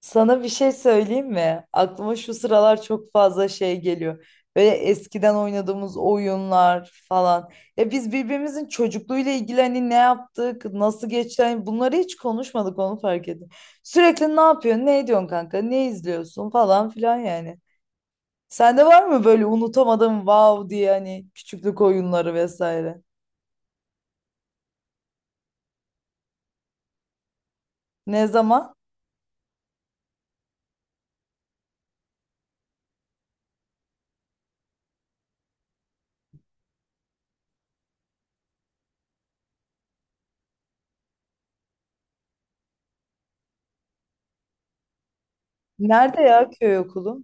Sana bir şey söyleyeyim mi? Aklıma şu sıralar çok fazla şey geliyor. Böyle eskiden oynadığımız oyunlar falan. Ya biz birbirimizin çocukluğuyla ilgili hani ne yaptık, nasıl geçti, hani bunları hiç konuşmadık, onu fark ettim. Sürekli ne yapıyorsun, ne ediyorsun kanka, ne izliyorsun falan filan yani. Sende var mı böyle unutamadığım wow diye hani küçüklük oyunları vesaire? Ne zaman? Nerede ya, köy okulu?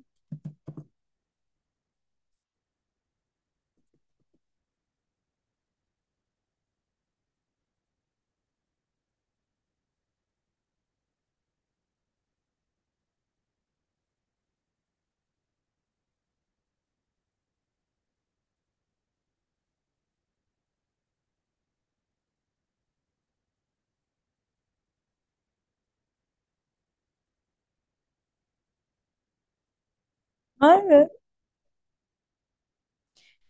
Nerede?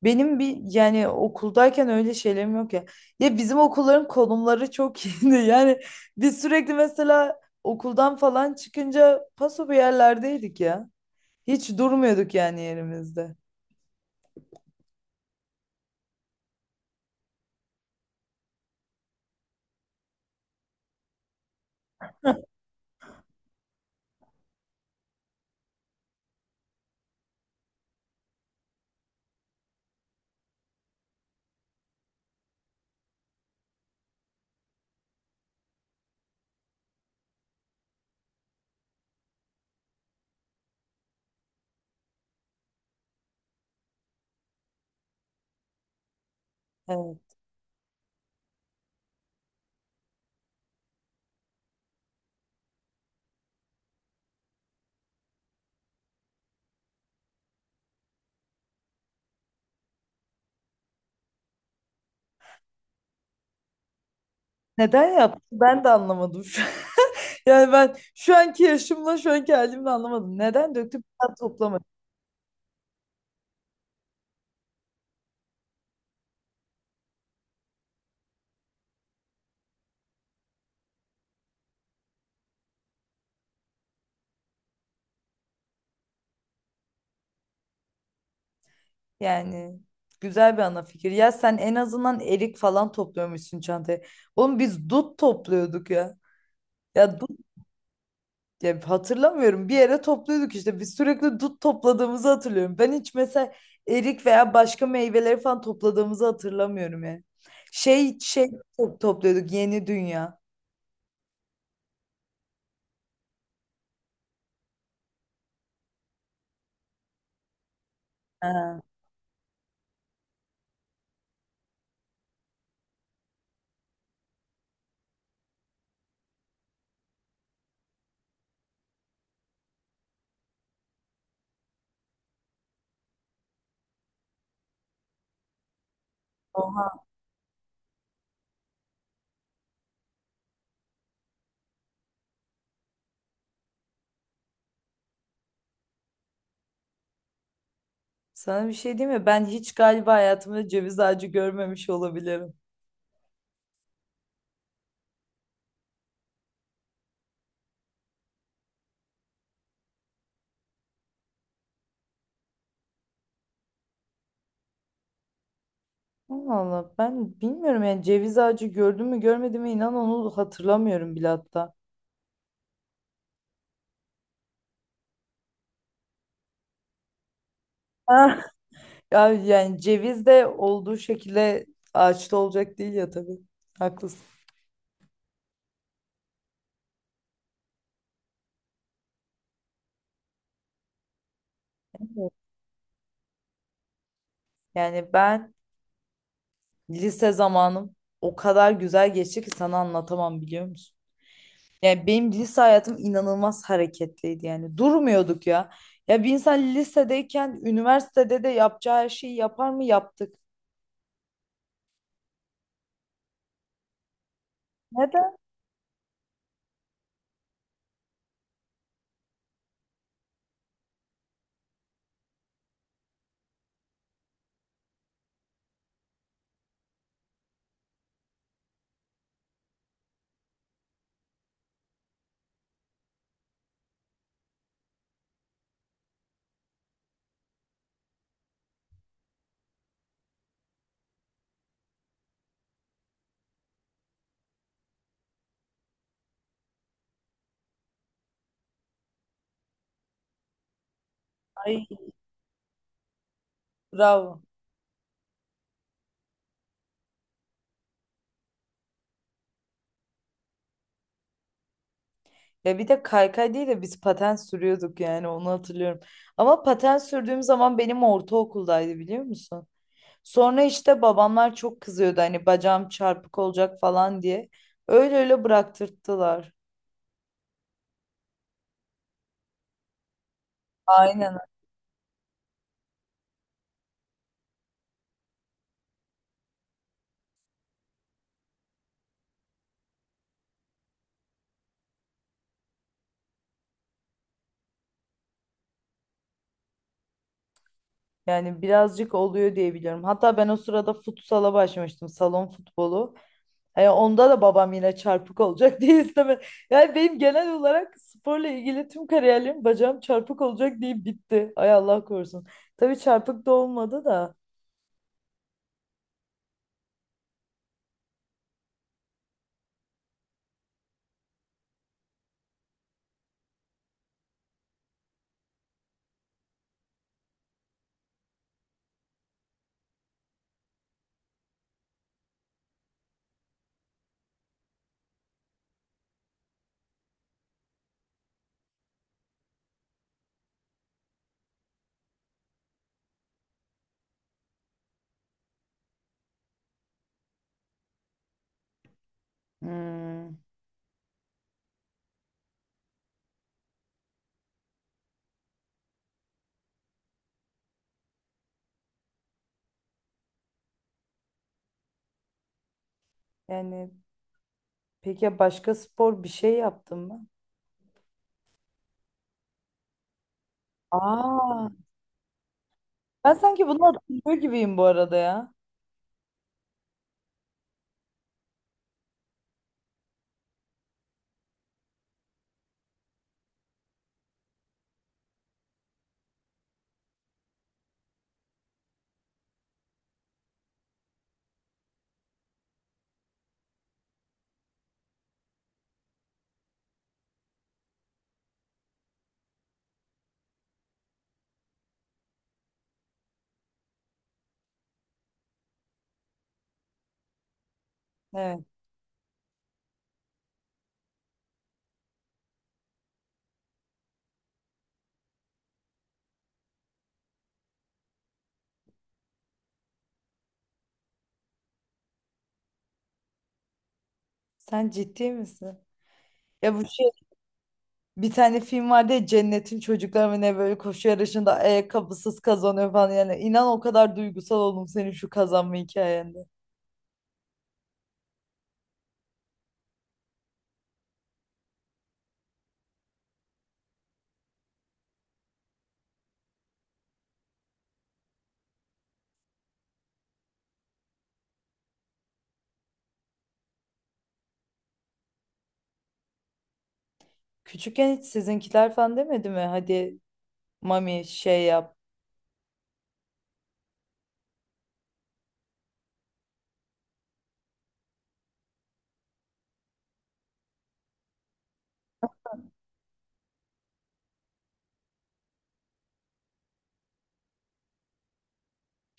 Benim bir yani okuldayken öyle şeylerim yok ya. Ya bizim okulların konumları çok iyiydi. Yani biz sürekli mesela okuldan falan çıkınca paso bir yerlerdeydik ya. Hiç durmuyorduk yani yerimizde. Evet. Neden yaptı? Ben de anlamadım şu an. Yani ben şu anki yaşımla şu anki halimle anlamadım. Neden döktüm? Bir daha toplamadım. Yani güzel bir ana fikir. Ya sen en azından erik falan topluyormuşsun çantaya. Oğlum biz dut topluyorduk ya. Ya, ya hatırlamıyorum. Bir yere topluyorduk işte. Biz sürekli dut topladığımızı hatırlıyorum. Ben hiç mesela erik veya başka meyveleri falan topladığımızı hatırlamıyorum yani. Şey, topluyorduk Yeni Dünya. Ha, oha. Sana bir şey diyeyim mi? Ben hiç galiba hayatımda ceviz ağacı görmemiş olabilirim. Allah Allah, ben bilmiyorum yani ceviz ağacı gördüm mü görmedim mi, inan onu hatırlamıyorum bile hatta. Ah. Ya yani ceviz de olduğu şekilde ağaçta olacak değil ya tabii. Haklısın. Yani ben lise zamanım o kadar güzel geçti ki sana anlatamam, biliyor musun? Yani benim lise hayatım inanılmaz hareketliydi yani. Durmuyorduk ya. Ya bir insan lisedeyken üniversitede de yapacağı her şeyi yapar mı? Yaptık. Neden? Ay, bravo. Ya bir de kaykay değil de biz paten sürüyorduk, yani onu hatırlıyorum. Ama paten sürdüğüm zaman benim ortaokuldaydı, biliyor musun? Sonra işte babamlar çok kızıyordu hani bacağım çarpık olacak falan diye. Öyle öyle bıraktırttılar. Aynen. Yani birazcık oluyor diye biliyorum. Hatta ben o sırada futsala başlamıştım. Salon futbolu. Onda da babam yine çarpık olacak diye istemedi. Yani benim genel olarak sporla ilgili tüm kariyerim bacağım çarpık olacak diye bitti. Ay Allah korusun. Tabii çarpık da olmadı da. Hmm, yani peki ya başka spor bir şey yaptın mı? Aa, ben sanki bunu hatırlıyor gibiyim bu arada ya. Evet. Sen ciddi misin? Ya bu şey, bir tane film vardı ya, Cennet'in Çocukları mı ne, böyle koşu yarışında ayakkabısız kazanıyor falan, yani inan o kadar duygusal oldum senin şu kazanma hikayende. Küçükken hiç sizinkiler falan demedi mi? Hadi mami şey yap.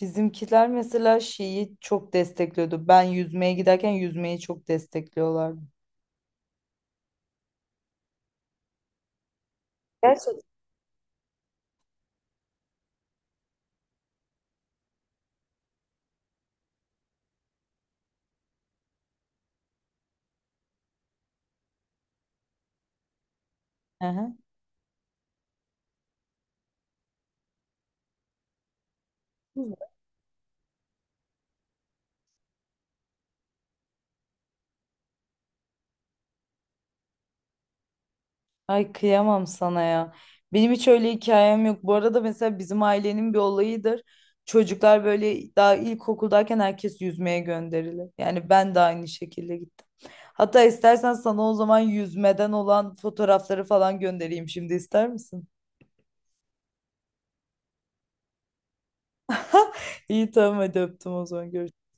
Bizimkiler mesela şeyi çok destekliyordu. Ben yüzmeye giderken yüzmeyi çok destekliyorlardı. Gerçekten. Hı hı. Ay kıyamam sana ya. Benim hiç öyle hikayem yok. Bu arada mesela bizim ailenin bir olayıdır. Çocuklar böyle daha ilkokuldayken herkes yüzmeye gönderilir. Yani ben de aynı şekilde gittim. Hatta istersen sana o zaman yüzmeden olan fotoğrafları falan göndereyim şimdi, ister misin? İyi tamam, hadi öptüm, o zaman görüşürüz.